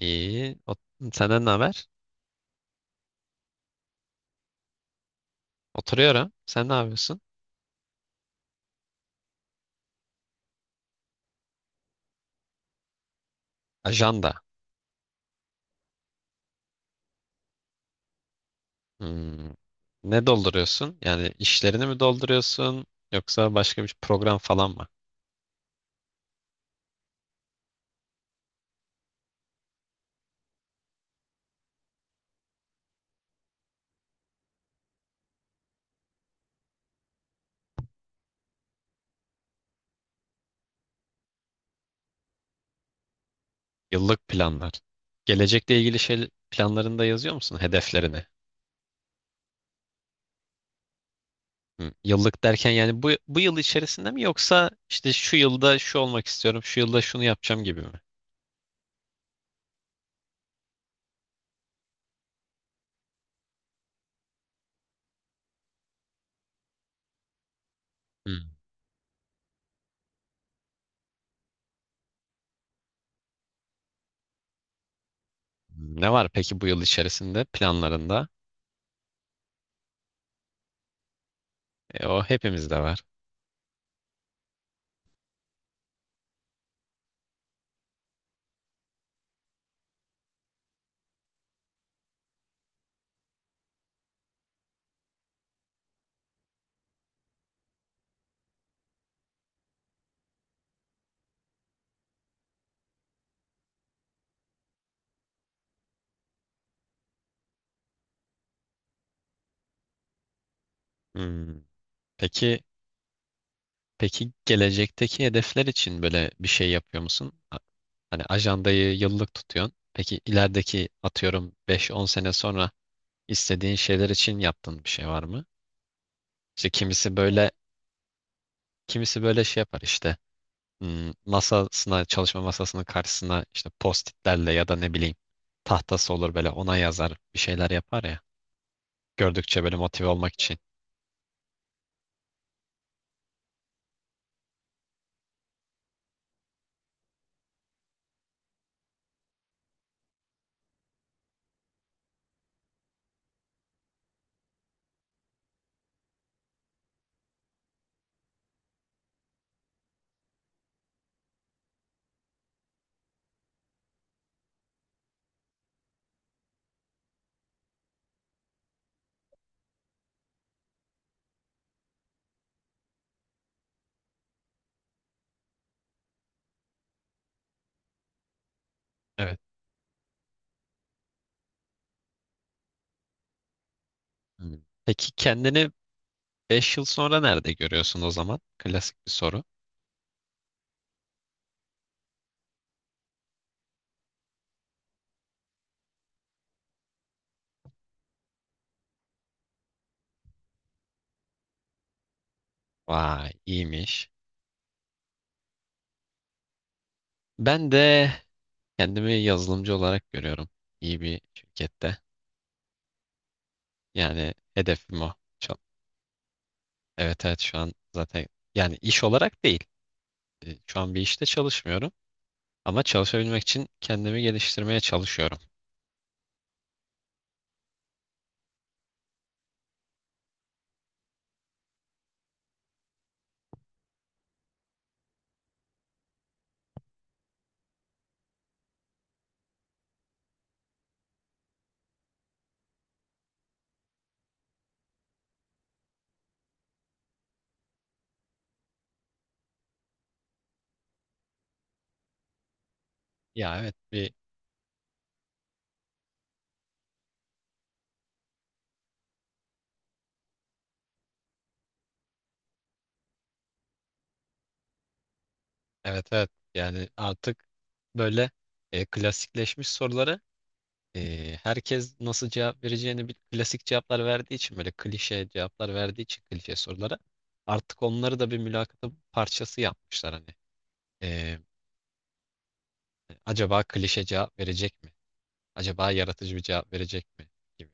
İyi. Senden ne haber? Oturuyorum. Sen ne yapıyorsun? Ajanda. Hmm. Ne dolduruyorsun? Yani işlerini mi dolduruyorsun? Yoksa başka bir program falan mı? Yıllık planlar. Gelecekle ilgili şey planlarını da yazıyor musun? Hedeflerini. Hmm. Yıllık derken yani bu yıl içerisinde mi, yoksa işte şu yılda şu olmak istiyorum, şu yılda şunu yapacağım gibi mi? Hmm. Ne var peki bu yıl içerisinde planlarında? O hepimizde var. Hmm. Peki. Peki gelecekteki hedefler için böyle bir şey yapıyor musun? Hani ajandayı yıllık tutuyorsun. Peki ilerideki, atıyorum, beş on sene sonra istediğin şeyler için yaptığın bir şey var mı? İşte kimisi böyle, kimisi böyle şey yapar işte, hmm, masasına, çalışma masasının karşısına, işte postitlerle ya da ne bileyim tahtası olur, böyle ona yazar bir şeyler yapar ya. Gördükçe böyle motive olmak için. Evet. Hmm. Peki kendini 5 yıl sonra nerede görüyorsun o zaman? Klasik bir soru. Vay, iyiymiş. Ben de kendimi yazılımcı olarak görüyorum. İyi bir şirkette. Yani hedefim o. Çal- Evet, evet, şu an zaten, yani iş olarak değil. Şu an bir işte çalışmıyorum. Ama çalışabilmek için kendimi geliştirmeye çalışıyorum. Ya evet, evet, evet, yani artık böyle klasikleşmiş soruları. Herkes nasıl cevap vereceğini klasik cevaplar verdiği için, böyle klişe cevaplar verdiği için klişe sorulara artık onları da bir mülakatın parçası yapmışlar hani. Ee, acaba klişe cevap verecek mi? Acaba yaratıcı bir cevap verecek mi? Gibi.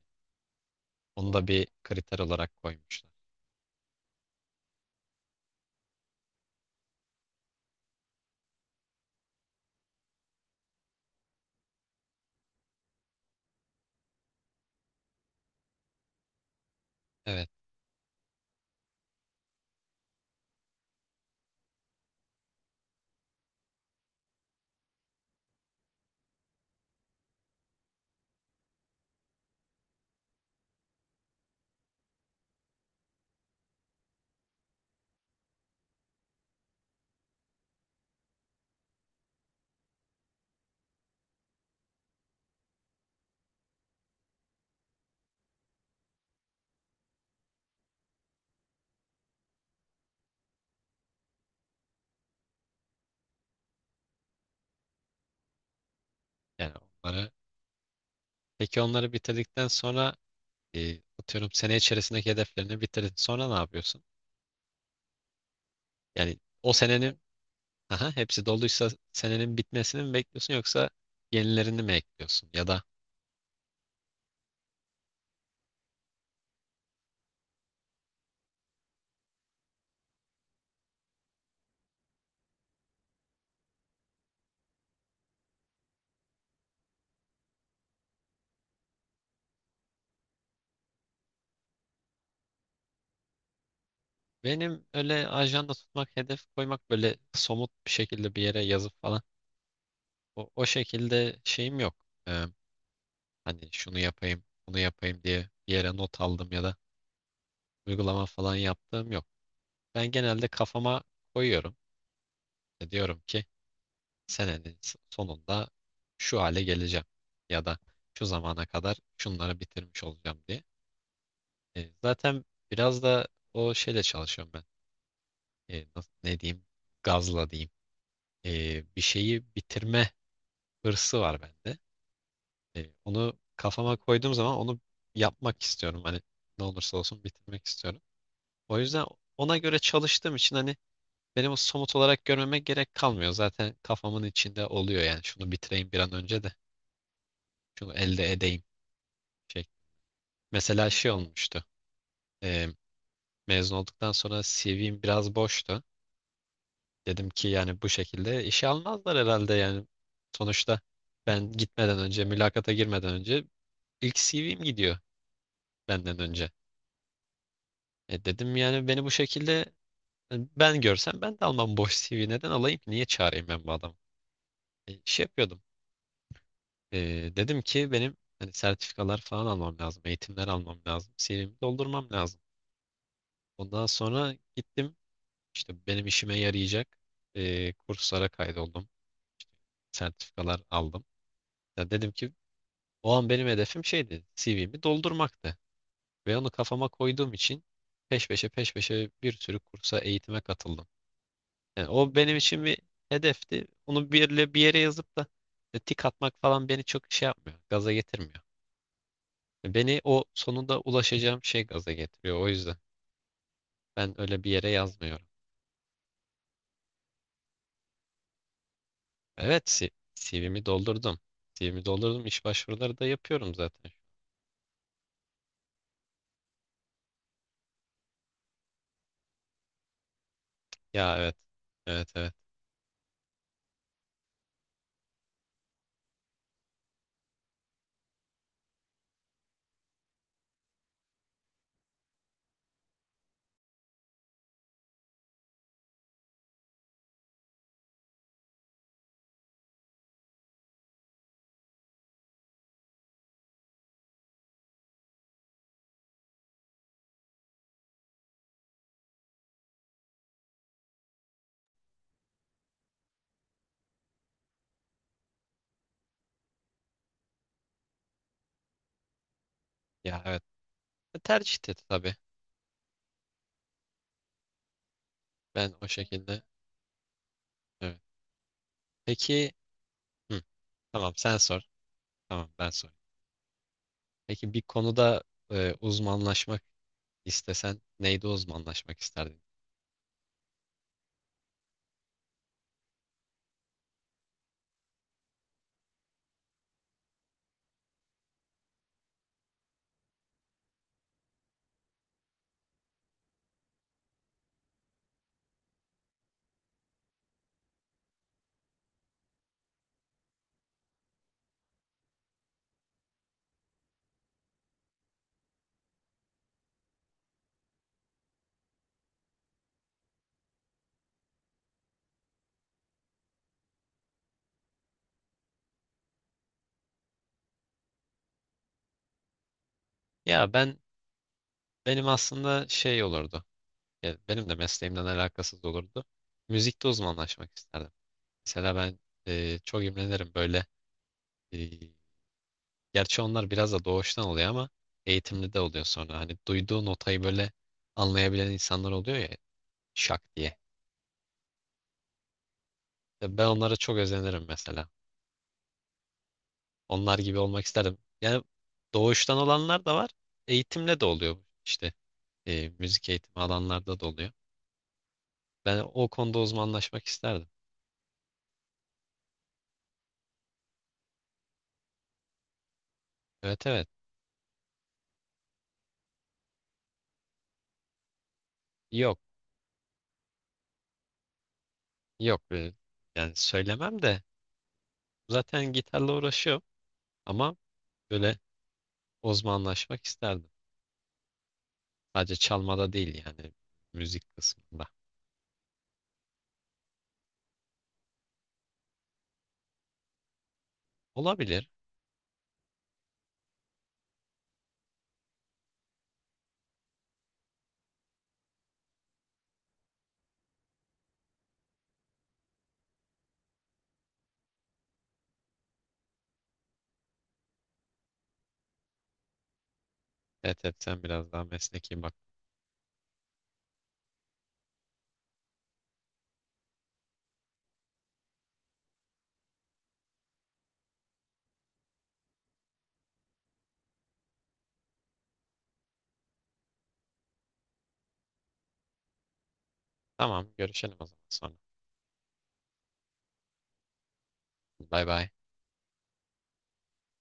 Onu da bir kriter olarak koymuşlar. Evet, yani onları. Peki onları bitirdikten sonra, atıyorum sene içerisindeki hedeflerini bitirdin. Sonra ne yapıyorsun? Yani o senenin. Aha, hepsi doluysa senenin bitmesini mi bekliyorsun, yoksa yenilerini mi ekliyorsun? Ya da benim öyle ajanda tutmak, hedef koymak, böyle somut bir şekilde bir yere yazıp falan, o şekilde şeyim yok. Ee, hani şunu yapayım, bunu yapayım diye bir yere not aldım ya da uygulama falan yaptığım yok. Ben genelde kafama koyuyorum. Diyorum ki senenin sonunda şu hale geleceğim ya da şu zamana kadar şunları bitirmiş olacağım diye. Zaten biraz da o şeyle çalışıyorum ben. Nasıl, ne diyeyim? Gazla diyeyim. Bir şeyi bitirme hırsı var bende. Onu kafama koyduğum zaman onu yapmak istiyorum. Hani ne olursa olsun bitirmek istiyorum. O yüzden ona göre çalıştığım için, hani, benim o somut olarak görmeme gerek kalmıyor. Zaten kafamın içinde oluyor yani. Şunu bitireyim bir an önce de. Şunu elde edeyim. Şey. Mesela şey olmuştu. E, mezun olduktan sonra CV'm biraz boştu. Dedim ki yani bu şekilde işe almazlar herhalde yani. Sonuçta ben gitmeden önce, mülakata girmeden önce, ilk CV'm gidiyor benden önce. Dedim yani beni bu şekilde, ben görsem ben de almam, boş CV neden alayım ki? Niye çağırayım ben bu adamı? Şey yapıyordum. E, dedim ki benim hani sertifikalar falan almam lazım, eğitimler almam lazım, CV'mi doldurmam lazım. Ondan sonra gittim, işte benim işime yarayacak kurslara kaydoldum, sertifikalar aldım. Ya dedim ki o an benim hedefim şeydi, CV'mi doldurmaktı. Ve onu kafama koyduğum için peş peşe peş peşe bir sürü kursa, eğitime katıldım. Yani o benim için bir hedefti. Onu bir yere, bir yere yazıp da tik atmak falan beni çok şey yapmıyor, gaza getirmiyor. Beni o sonunda ulaşacağım şey gaza getiriyor. O yüzden ben öyle bir yere yazmıyorum. Evet, CV'mi doldurdum. CV'mi doldurdum. İş başvuruları da yapıyorum zaten. Ya evet. Evet, evet. Ya evet. Tercihti tabii. Ben o şekilde, evet. Peki, hı, tamam sen sor. Tamam, ben sorayım. Peki bir konuda uzmanlaşmak istesen, neyde uzmanlaşmak isterdin? Ya ben benim aslında şey olurdu. Ya benim de mesleğimden alakasız olurdu. Müzikte uzmanlaşmak isterdim. Mesela ben çok imrenirim böyle. e, Gerçi onlar biraz da doğuştan oluyor ama eğitimli de oluyor sonra. Hani duyduğu notayı böyle anlayabilen insanlar oluyor ya, şak diye. Ya ben onlara çok özenirim mesela. Onlar gibi olmak isterdim. Yani doğuştan olanlar da var. Eğitimle de oluyor işte. Müzik eğitimi alanlarda da oluyor. Ben o konuda uzmanlaşmak isterdim. Evet, evet. Yok, yok. Yani söylemem de, zaten gitarla uğraşıyorum, ama böyle uzmanlaşmak isterdim. Sadece çalmada değil yani, müzik kısmında. Olabilir. Evet, evet, sen biraz daha mesleki bak. Tamam, görüşelim o zaman sonra. Bay bay.